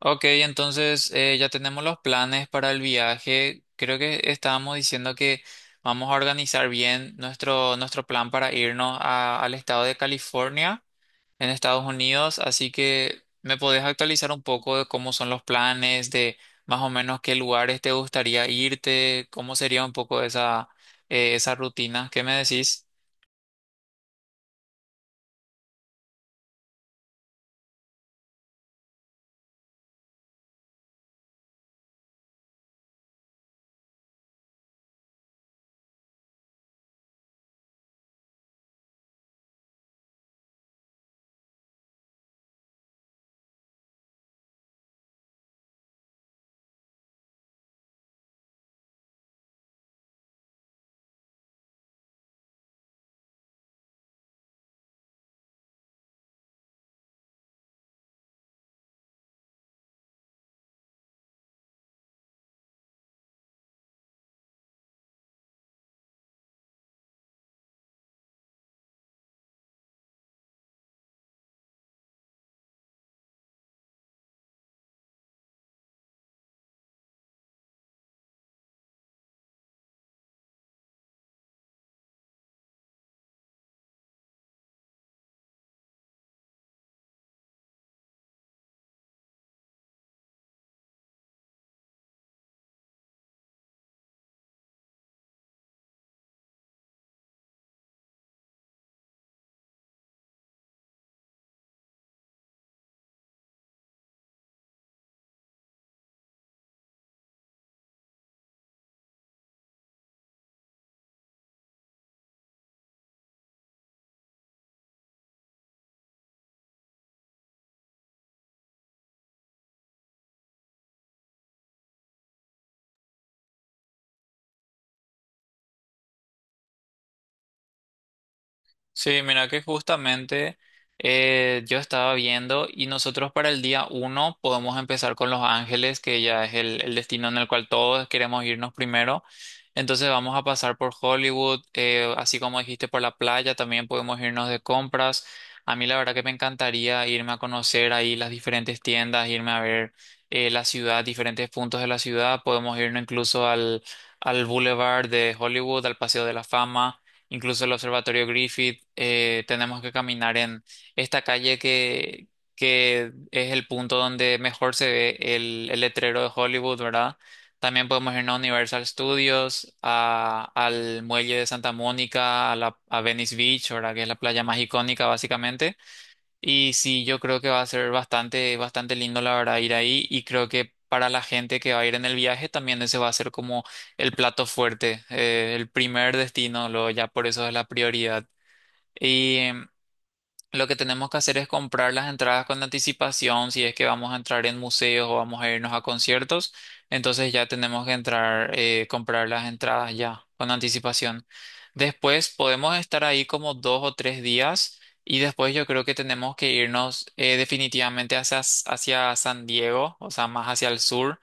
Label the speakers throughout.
Speaker 1: Ok, entonces ya tenemos los planes para el viaje. Creo que estábamos diciendo que vamos a organizar bien nuestro plan para irnos al estado de California, en Estados Unidos. Así que me podés actualizar un poco de cómo son los planes, de más o menos qué lugares te gustaría irte, cómo sería un poco esa rutina. ¿Qué me decís? Sí, mira que justamente yo estaba viendo y nosotros para el día uno podemos empezar con Los Ángeles, que ya es el destino en el cual todos queremos irnos primero. Entonces vamos a pasar por Hollywood, así como dijiste por la playa, también podemos irnos de compras. A mí la verdad que me encantaría irme a conocer ahí las diferentes tiendas, irme a ver la ciudad, diferentes puntos de la ciudad. Podemos irnos incluso al Boulevard de Hollywood, al Paseo de la Fama, incluso el Observatorio Griffith. Tenemos que caminar en esta que es el punto donde mejor se ve el letrero de Hollywood, ¿verdad? También podemos irnos a Universal Studios, al muelle de Santa Mónica, a Venice Beach, ¿verdad? Que es la playa más icónica básicamente. Y sí, yo creo que va a ser bastante lindo la verdad ir ahí, y creo que para la gente que va a ir en el viaje también ese va a ser como el plato fuerte, el primer destino, luego ya por eso es la prioridad. Lo que tenemos que hacer es comprar las entradas con anticipación, si es que vamos a entrar en museos o vamos a irnos a conciertos, entonces ya tenemos que entrar, comprar las entradas ya con anticipación. Después podemos estar ahí como dos o tres días, y después yo creo que tenemos que irnos definitivamente hacia San Diego, o sea, más hacia el sur,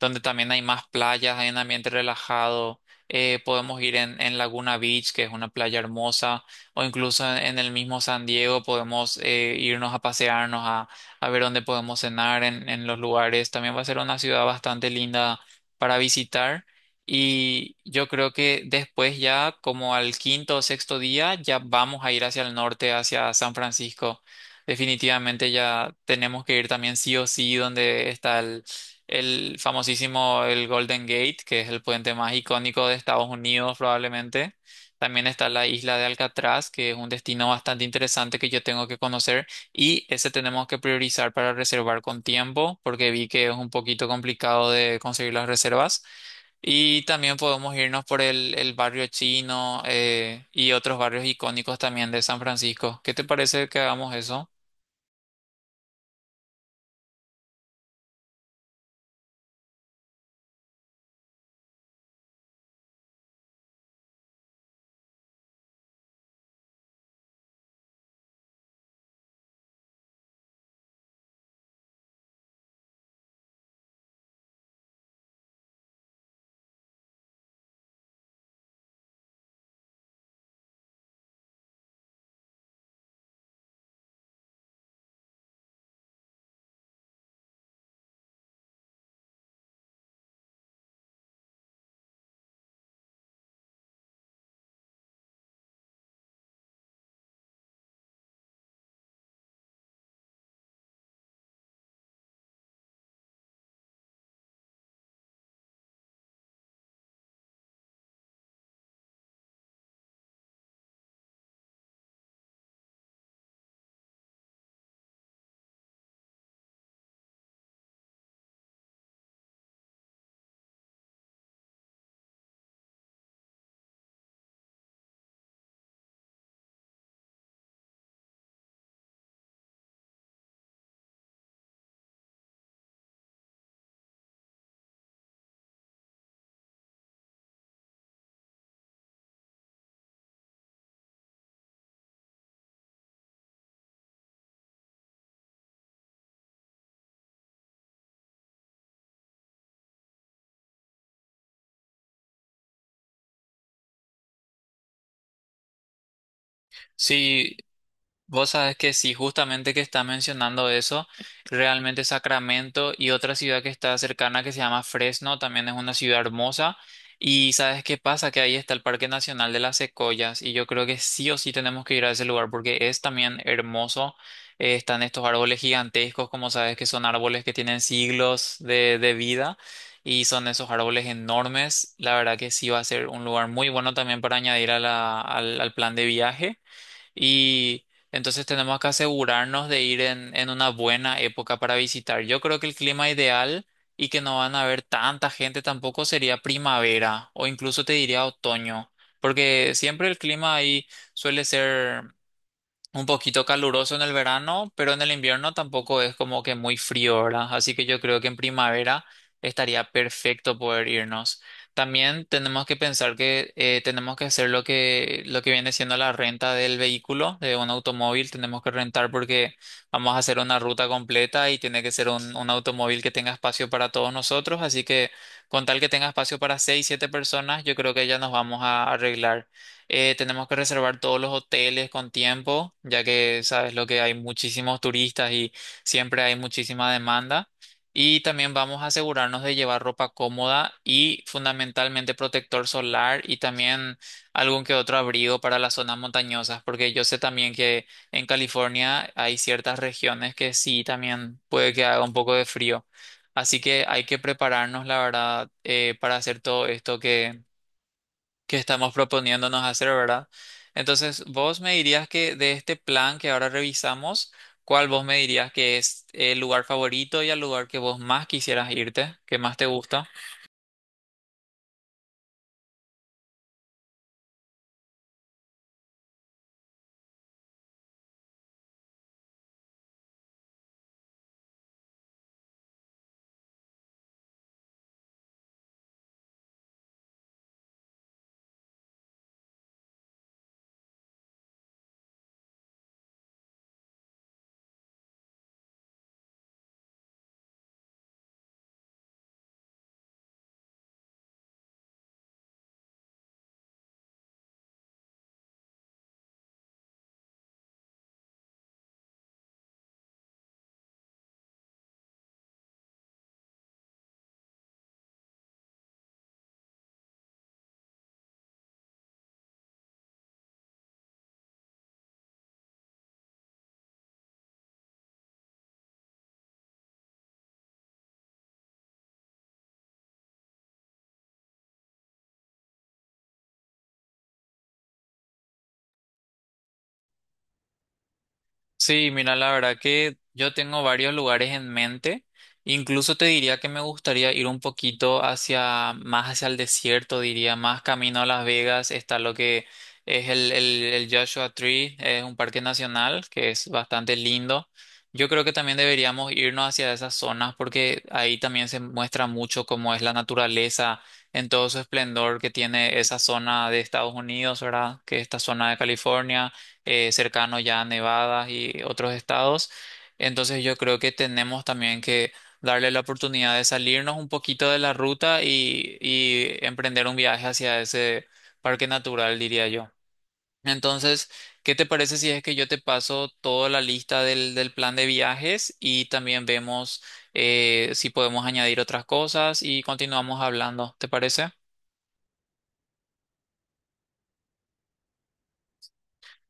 Speaker 1: donde también hay más playas, hay un ambiente relajado. Podemos ir en Laguna Beach, que es una playa hermosa, o incluso en el mismo San Diego podemos irnos a pasearnos, a ver dónde podemos cenar en los lugares. También va a ser una ciudad bastante linda para visitar. Y yo creo que después ya, como al quinto o sexto día, ya vamos a ir hacia el norte, hacia San Francisco. Definitivamente ya tenemos que ir también sí o sí donde está el famosísimo el Golden Gate, que es el puente más icónico de Estados Unidos probablemente. También está la isla de Alcatraz, que es un destino bastante interesante que yo tengo que conocer, y ese tenemos que priorizar para reservar con tiempo porque vi que es un poquito complicado de conseguir las reservas. Y también podemos irnos por el barrio chino, y otros barrios icónicos también de San Francisco. ¿Qué te parece que hagamos eso? Sí. Vos sabés que sí, justamente que está mencionando eso, realmente Sacramento y otra ciudad que está cercana que se llama Fresno, también es una ciudad hermosa. Y sabes qué pasa, que ahí está el Parque Nacional de las Secoyas, y yo creo que sí o sí tenemos que ir a ese lugar porque es también hermoso. Están estos árboles gigantescos, como sabes que son árboles que tienen siglos de vida, y son esos árboles enormes. La verdad que sí va a ser un lugar muy bueno también para añadir a al plan de viaje. Y entonces tenemos que asegurarnos de ir en una buena época para visitar. Yo creo que el clima ideal y que no van a haber tanta gente tampoco sería primavera, o incluso te diría otoño, porque siempre el clima ahí suele ser un poquito caluroso en el verano, pero en el invierno tampoco es como que muy frío, ¿verdad? Así que yo creo que en primavera estaría perfecto poder irnos. También tenemos que pensar que tenemos que hacer lo lo que viene siendo la renta del vehículo, de un automóvil. Tenemos que rentar porque vamos a hacer una ruta completa, y tiene que ser un automóvil que tenga espacio para todos nosotros. Así que con tal que tenga espacio para seis, siete personas, yo creo que ya nos vamos a arreglar. Tenemos que reservar todos los hoteles con tiempo, ya que sabes lo que hay muchísimos turistas, y siempre hay muchísima demanda. Y también vamos a asegurarnos de llevar ropa cómoda y fundamentalmente protector solar, y también algún que otro abrigo para las zonas montañosas, porque yo sé también que en California hay ciertas regiones que sí también puede que haga un poco de frío. Así que hay que prepararnos, la verdad, para hacer todo esto que estamos proponiéndonos hacer, ¿verdad? Entonces, vos me dirías que de este plan que ahora revisamos, ¿cuál vos me dirías que es el lugar favorito y el lugar que vos más quisieras irte, que más te gusta? Sí, mira, la verdad que yo tengo varios lugares en mente. Incluso te diría que me gustaría ir un poquito hacia, más hacia el desierto, diría, más camino a Las Vegas. Está lo que es el Joshua Tree, es un parque nacional que es bastante lindo. Yo creo que también deberíamos irnos hacia esas zonas porque ahí también se muestra mucho cómo es la naturaleza en todo su esplendor que tiene esa zona de Estados Unidos, ¿verdad? Que es esta zona de California. Cercano ya a Nevada y otros estados. Entonces yo creo que tenemos también que darle la oportunidad de salirnos un poquito de la ruta, y emprender un viaje hacia ese parque natural, diría yo. Entonces, ¿qué te parece si es que yo te paso toda la lista del plan de viajes y también vemos si podemos añadir otras cosas y continuamos hablando? ¿Te parece?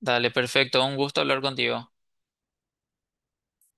Speaker 1: Dale, perfecto. Un gusto hablar contigo.